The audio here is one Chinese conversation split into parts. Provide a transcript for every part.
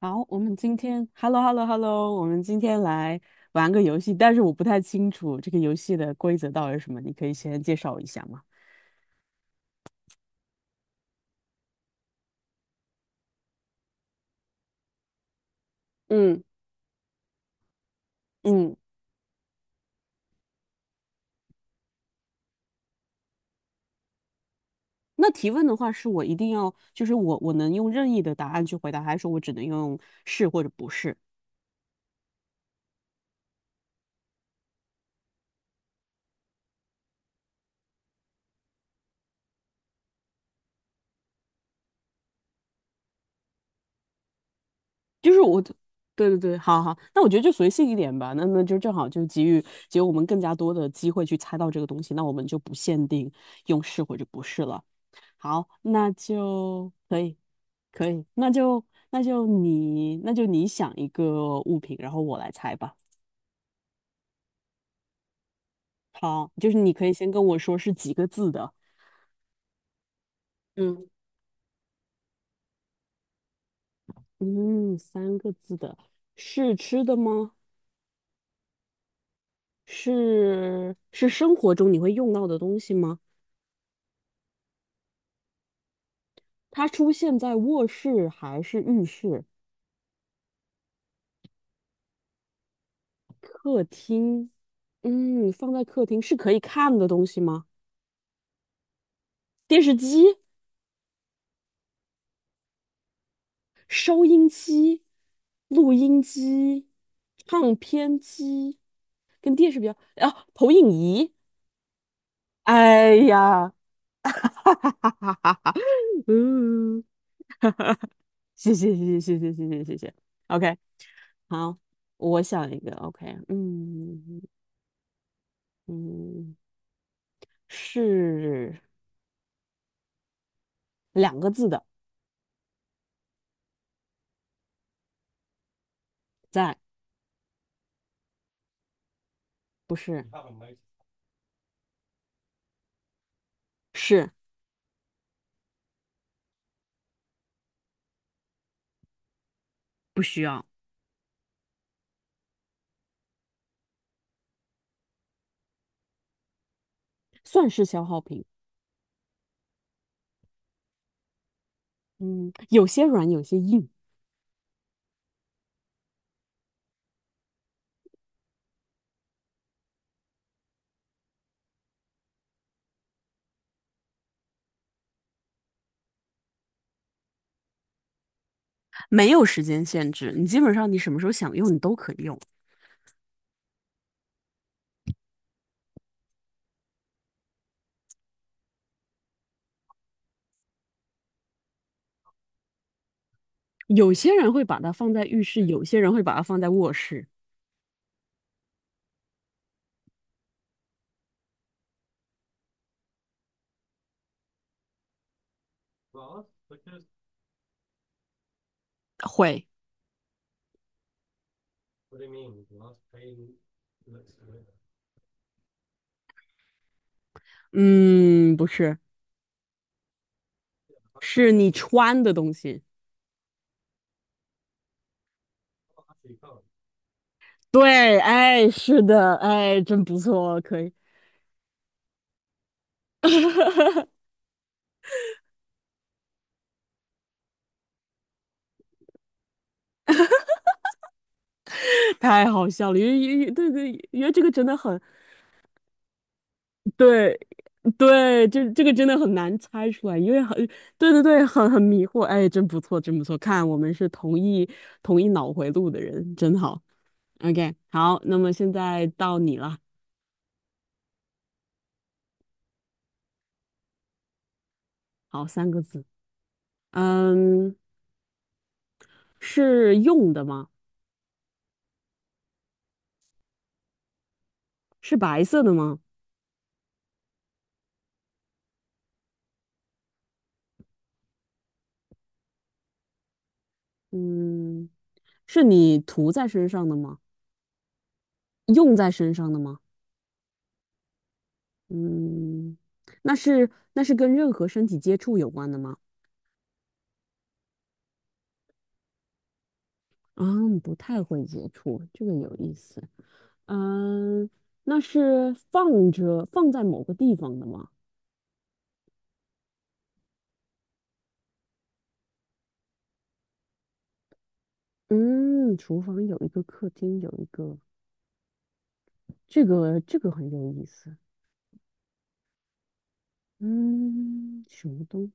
好，我们今天，hello hello hello，我们今天来玩个游戏，但是我不太清楚这个游戏的规则到底是什么，你可以先介绍一下吗？嗯。嗯。那提问的话是我一定要，就是我能用任意的答案去回答，还是说我只能用是或者不是？就是我的。对对对，好好，那我觉得就随性一点吧，那就正好就给予我们更加多的机会去猜到这个东西，那我们就不限定用是或者不是了。好，那就可以。可以，那就那就你想一个物品，然后我来猜吧。好，就是你可以先跟我说是几个字的。嗯。嗯，三个字的，是吃的吗？是是生活中你会用到的东西吗？它出现在卧室还是浴室、客厅？嗯，放在客厅是可以看的东西吗？电视机、收音机、录音机、唱片机。这是比较，啊，投影仪。哎呀，哈哈哈哈哈哈，嗯，谢谢谢谢谢谢谢谢谢谢，OK，好，我想一个，OK。嗯嗯，是两个字的。在。不是。是。不需要。算是消耗品。嗯，有些软有些硬。没有时间限制，你基本上你什么时候想用你都可以用。有些人会把它放在浴室，有些人会把它放在卧室。会。嗯，不是，是你穿的东西。对，哎，是的，哎，真不错，可以。太好笑了，因为对对，因为这个真的很，对。对，这个真的很难猜出来，因为很，对对对，很迷惑，哎，真不错，真不错，看我们是同一脑回路的人，真好，OK，好，那么现在到你了。好，三个字。嗯，是用的吗？是白色的吗？嗯，是你涂在身上的吗？用在身上的吗？嗯，那是跟任何身体接触有关的吗？啊，不太会接触，这个有意思。嗯，那是放着放在某个地方的吗？嗯，厨房有一个，客厅有一个，这个很有意思。嗯，什么东？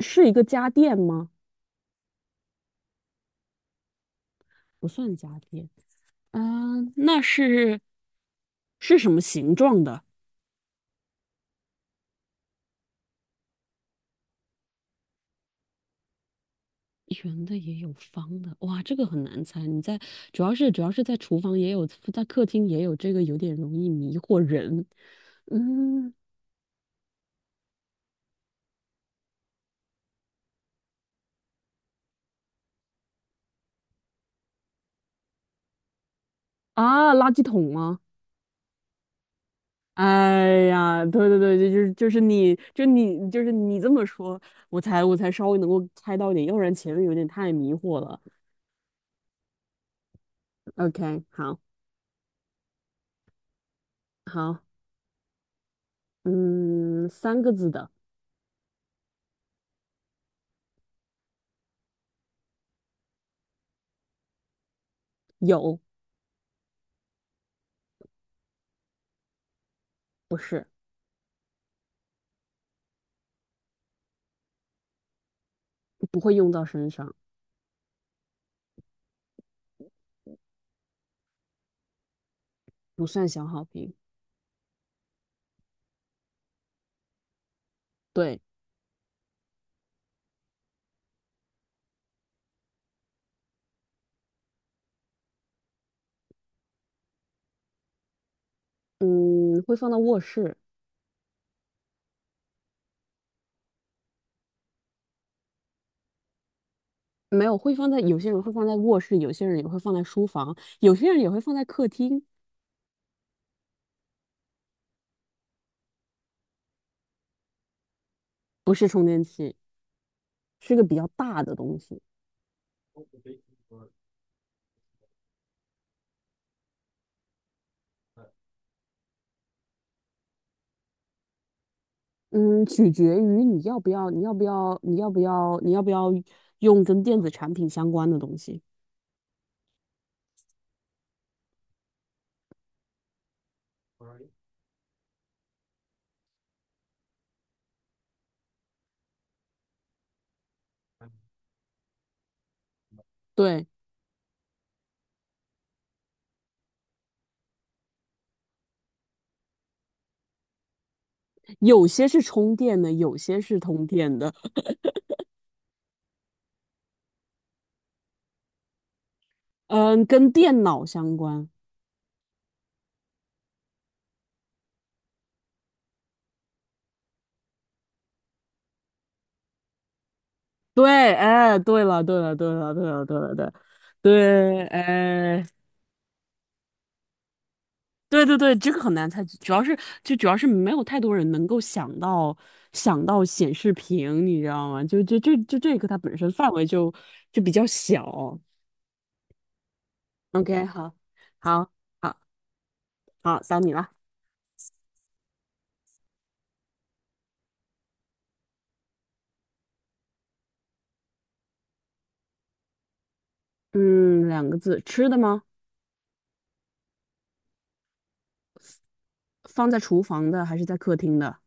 是一个家电吗？不算家电。啊，那是是什么形状的？圆的也有方的，哇，这个很难猜。你在主要是在厨房也有，在客厅也有，这个有点容易迷惑人。嗯。啊，垃圾桶吗？哎呀，对对对，就是你，就是你这么说，我才稍微能够猜到一点，要不然前面有点太迷惑了。OK，好。好。嗯，三个字的。有。不是。不会用到身上。不算小好评。对。嗯，会放到卧室。没有，会放在有些人会放在卧室，有些人也会放在书房，有些人也会放在客厅。不是充电器，是个比较大的东西。嗯，取决于你要不要，你要不要，你要不要，你要不要用跟电子产品相关的东西。对。有些是充电的，有些是通电的。嗯，跟电脑相关。对，哎，对了，对了，对了，对了，对了，对了对。哎。对对对，这个很难猜，主要是没有太多人能够想到显示屏，你知道吗？就这个它本身范围就比较小。OK，好。好。好。好，到你了。嗯，两个字，吃的吗？放在厨房的还是在客厅的？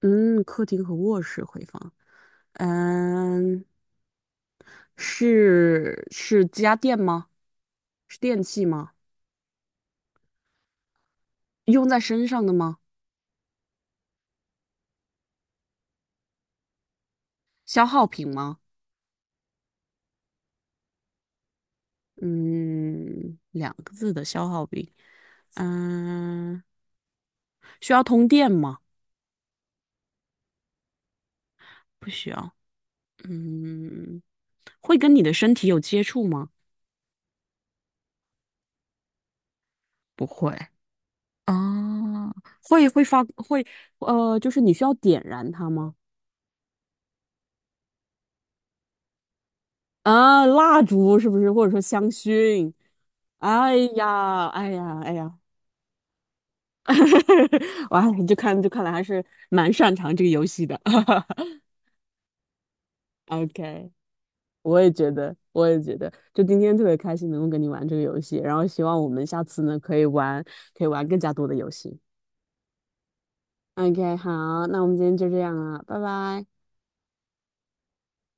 嗯，客厅和卧室会放。嗯，是家电吗？是电器吗？用在身上的吗？消耗品吗？嗯，两个字的消耗品。嗯，需要通电吗？不需要。嗯，会跟你的身体有接触吗？不会。啊，会会发会呃，就是你需要点燃它吗？啊，蜡烛是不是？或者说香薰？哎呀，哎呀，哎呀，哇，你就看来还是蛮擅长这个游戏的。OK，我也觉得，我也觉得，就今天特别开心能够跟你玩这个游戏，然后希望我们下次呢可以玩，可以玩更加多的游戏。OK，好，那我们今天就这样了，拜拜。